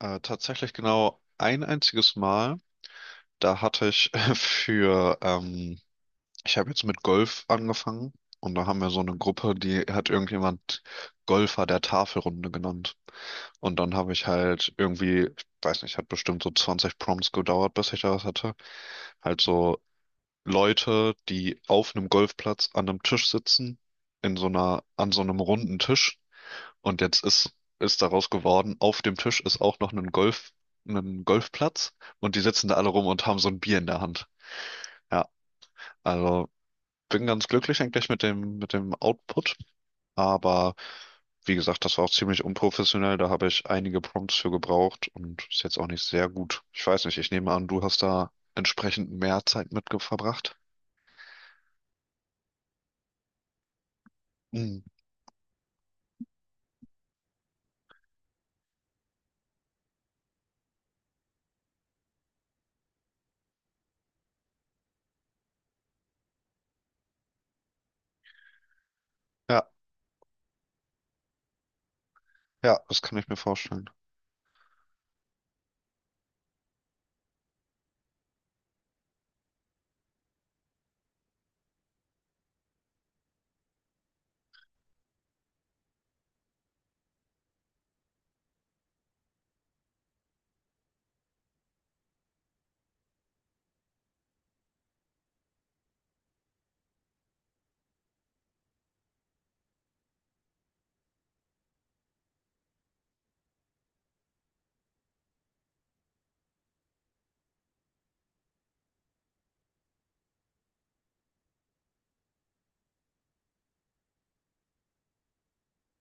Tatsächlich genau ein einziges Mal. Da hatte ich für, ähm, ich habe jetzt mit Golf angefangen und da haben wir so eine Gruppe, die hat irgendjemand Golfer der Tafelrunde genannt. Und dann habe ich halt irgendwie, ich weiß nicht, hat bestimmt so 20 Prompts gedauert, bis ich da was hatte. Halt so Leute, die auf einem Golfplatz an einem Tisch sitzen, an so einem runden Tisch. Und jetzt ist daraus geworden, auf dem Tisch ist auch noch ein Golfplatz und die sitzen da alle rum und haben so ein Bier in der Hand. Ja, also bin ganz glücklich eigentlich mit dem Output, aber wie gesagt, das war auch ziemlich unprofessionell, da habe ich einige Prompts für gebraucht und ist jetzt auch nicht sehr gut. Ich weiß nicht, ich nehme an, du hast da entsprechend mehr Zeit verbracht. Hm. Ja, ja, das kann ich mir vorstellen.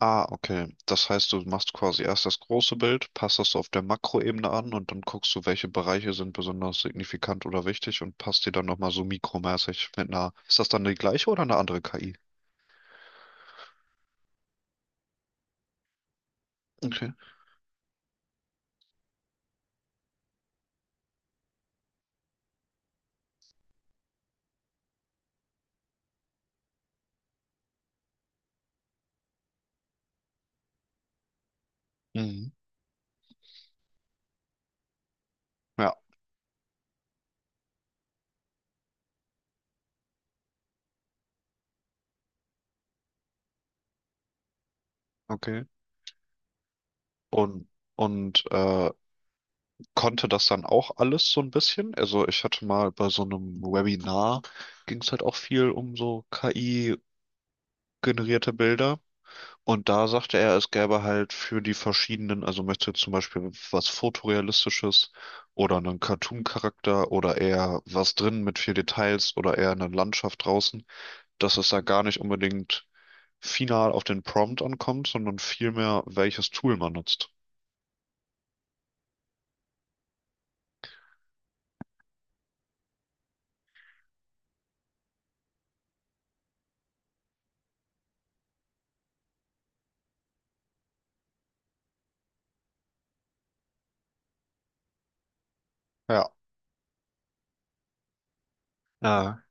Ah, okay. Das heißt, du machst quasi erst das große Bild, passt das auf der Makroebene an und dann guckst du, welche Bereiche sind besonders signifikant oder wichtig und passt die dann nochmal so mikromäßig mit einer. Ist das dann die gleiche oder eine andere KI? Okay. Mhm. Ja, okay. Und, und äh, konnte das dann auch alles so ein bisschen? Also ich hatte mal bei so einem Webinar, ging es halt auch viel um so KI-generierte Bilder. Und da sagte er, es gäbe halt für die verschiedenen, also möchte zum Beispiel was Fotorealistisches oder einen Cartoon-Charakter oder eher was drin mit viel Details oder eher eine Landschaft draußen, dass es da gar nicht unbedingt final auf den Prompt ankommt, sondern vielmehr, welches Tool man nutzt. Ja. Ja.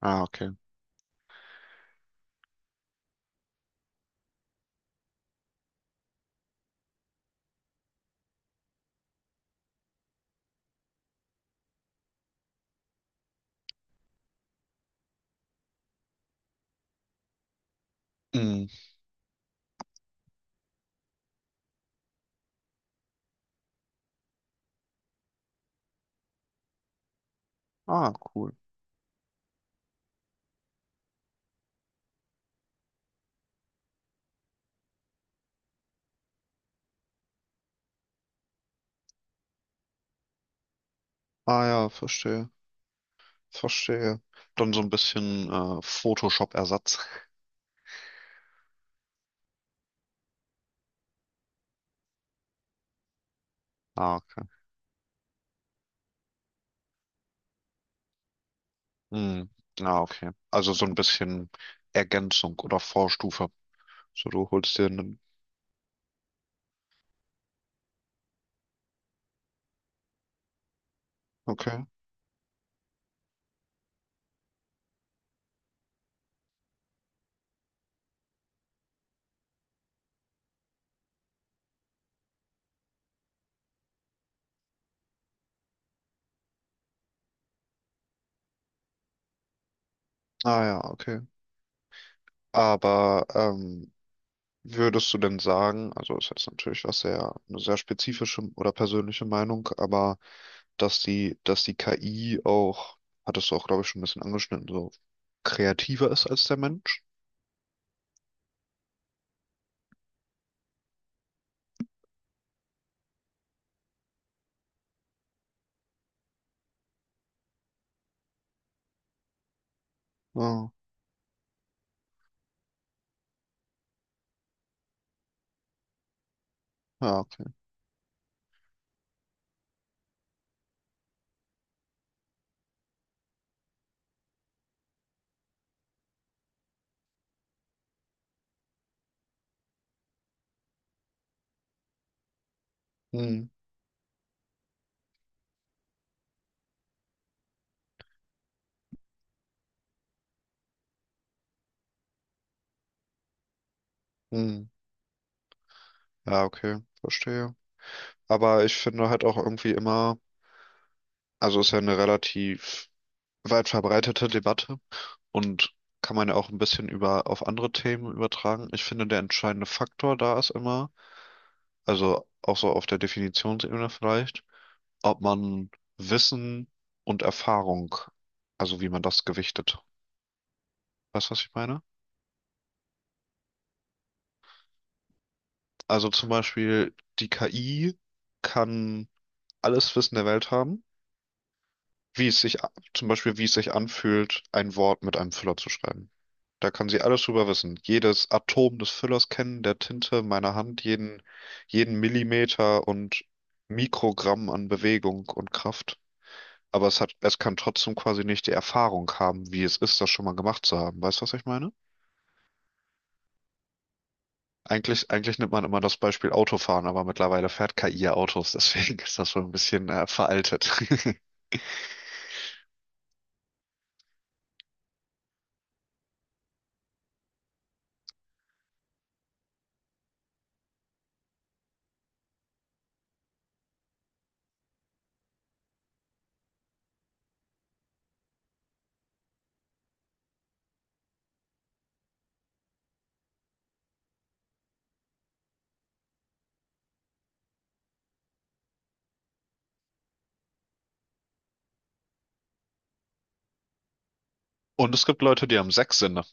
Ah, okay. Mhm. Ah, cool. Ah ja, verstehe. Verstehe. Dann so ein bisschen Photoshop-Ersatz. Ah, Hm. Ah, okay. Also so ein bisschen Ergänzung oder Vorstufe. So, du holst dir einen. Okay. Ah ja, okay. Aber würdest du denn sagen, also ist jetzt natürlich was sehr, eine sehr spezifische oder persönliche Meinung, aber dass die KI auch, hattest du auch, glaube ich, schon ein bisschen angeschnitten, so kreativer ist als der Mensch? Ah, ja, okay. Hm, hm. Ja, okay, verstehe. Aber ich finde halt auch irgendwie immer, also ist ja eine relativ weit verbreitete Debatte und kann man ja auch ein bisschen über auf andere Themen übertragen. Ich finde, der entscheidende Faktor da ist immer, also auch so auf der Definitionsebene vielleicht, ob man Wissen und Erfahrung, also wie man das gewichtet. Weißt du, was ich meine? Also zum Beispiel, die KI kann alles Wissen der Welt haben wie es zum Beispiel, wie es sich anfühlt, ein Wort mit einem Füller zu schreiben. Da kann sie alles drüber wissen. Jedes Atom des Füllers kennen, der Tinte meiner Hand, jeden Millimeter und Mikrogramm an Bewegung und Kraft. Es kann trotzdem quasi nicht die Erfahrung haben, wie es ist, das schon mal gemacht zu haben. Weißt du, was ich meine? Eigentlich nimmt man immer das Beispiel Autofahren, aber mittlerweile fährt KI ja Autos, deswegen ist das schon ein bisschen veraltet. Und es gibt Leute, die haben sechs Sinne.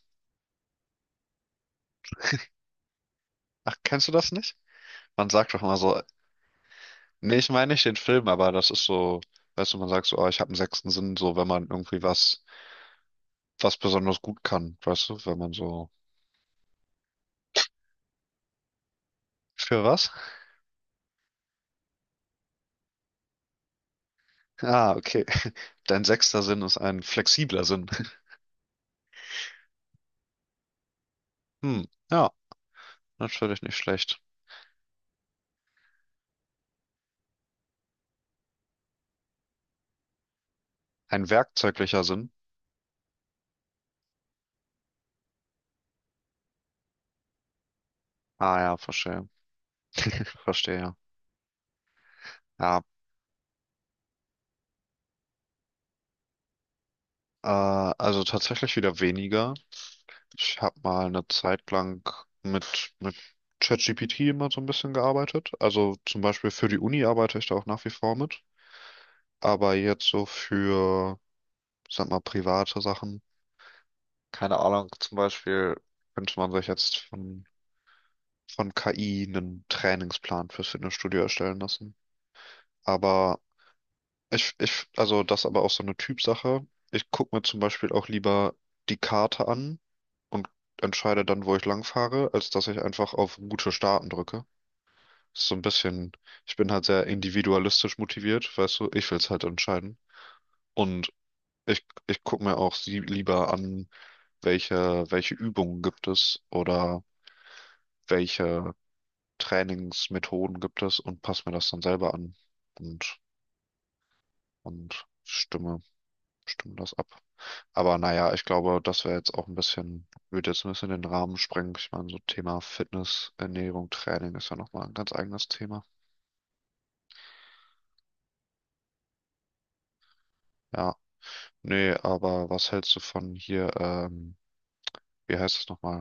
Ach, kennst du das nicht? Man sagt doch immer so, nee, ich meine nicht den Film, aber das ist so, weißt du, man sagt so, oh, ich habe einen sechsten Sinn, so wenn man irgendwie was, was besonders gut kann, weißt du, wenn man so. Für was? Ah, okay. Dein sechster Sinn ist ein flexibler Sinn. Hm, ja, natürlich nicht schlecht. Ein werkzeuglicher Sinn. Ah ja, verstehe. Ich verstehe. Ja, ja, also tatsächlich wieder weniger. Ich habe mal eine Zeit lang mit ChatGPT immer so ein bisschen gearbeitet. Also zum Beispiel für die Uni arbeite ich da auch nach wie vor mit. Aber ich sag mal, private Sachen, keine Ahnung, zum Beispiel könnte man sich von KI einen Trainingsplan fürs Fitnessstudio erstellen lassen. Aber also das ist aber auch so eine Typsache. Ich gucke mir zum Beispiel auch lieber die Karte an und entscheide dann, wo ich lang fahre, als dass ich einfach auf Route starten drücke. Ist so ein bisschen, ich bin halt sehr individualistisch motiviert, weißt du, ich will es halt entscheiden. Und ich gucke mir auch sie lieber an, welche Übungen gibt es oder welche Trainingsmethoden gibt es und passe mir das dann selber an und, und stimme das ab. Aber naja, ich glaube, das wäre jetzt auch ein bisschen, würde jetzt ein bisschen den Rahmen sprengen. Ich meine, so Thema Fitness, Ernährung, Training ist ja nochmal ein ganz eigenes Thema. Ja, nee, aber was hältst du von hier, wie heißt es nochmal?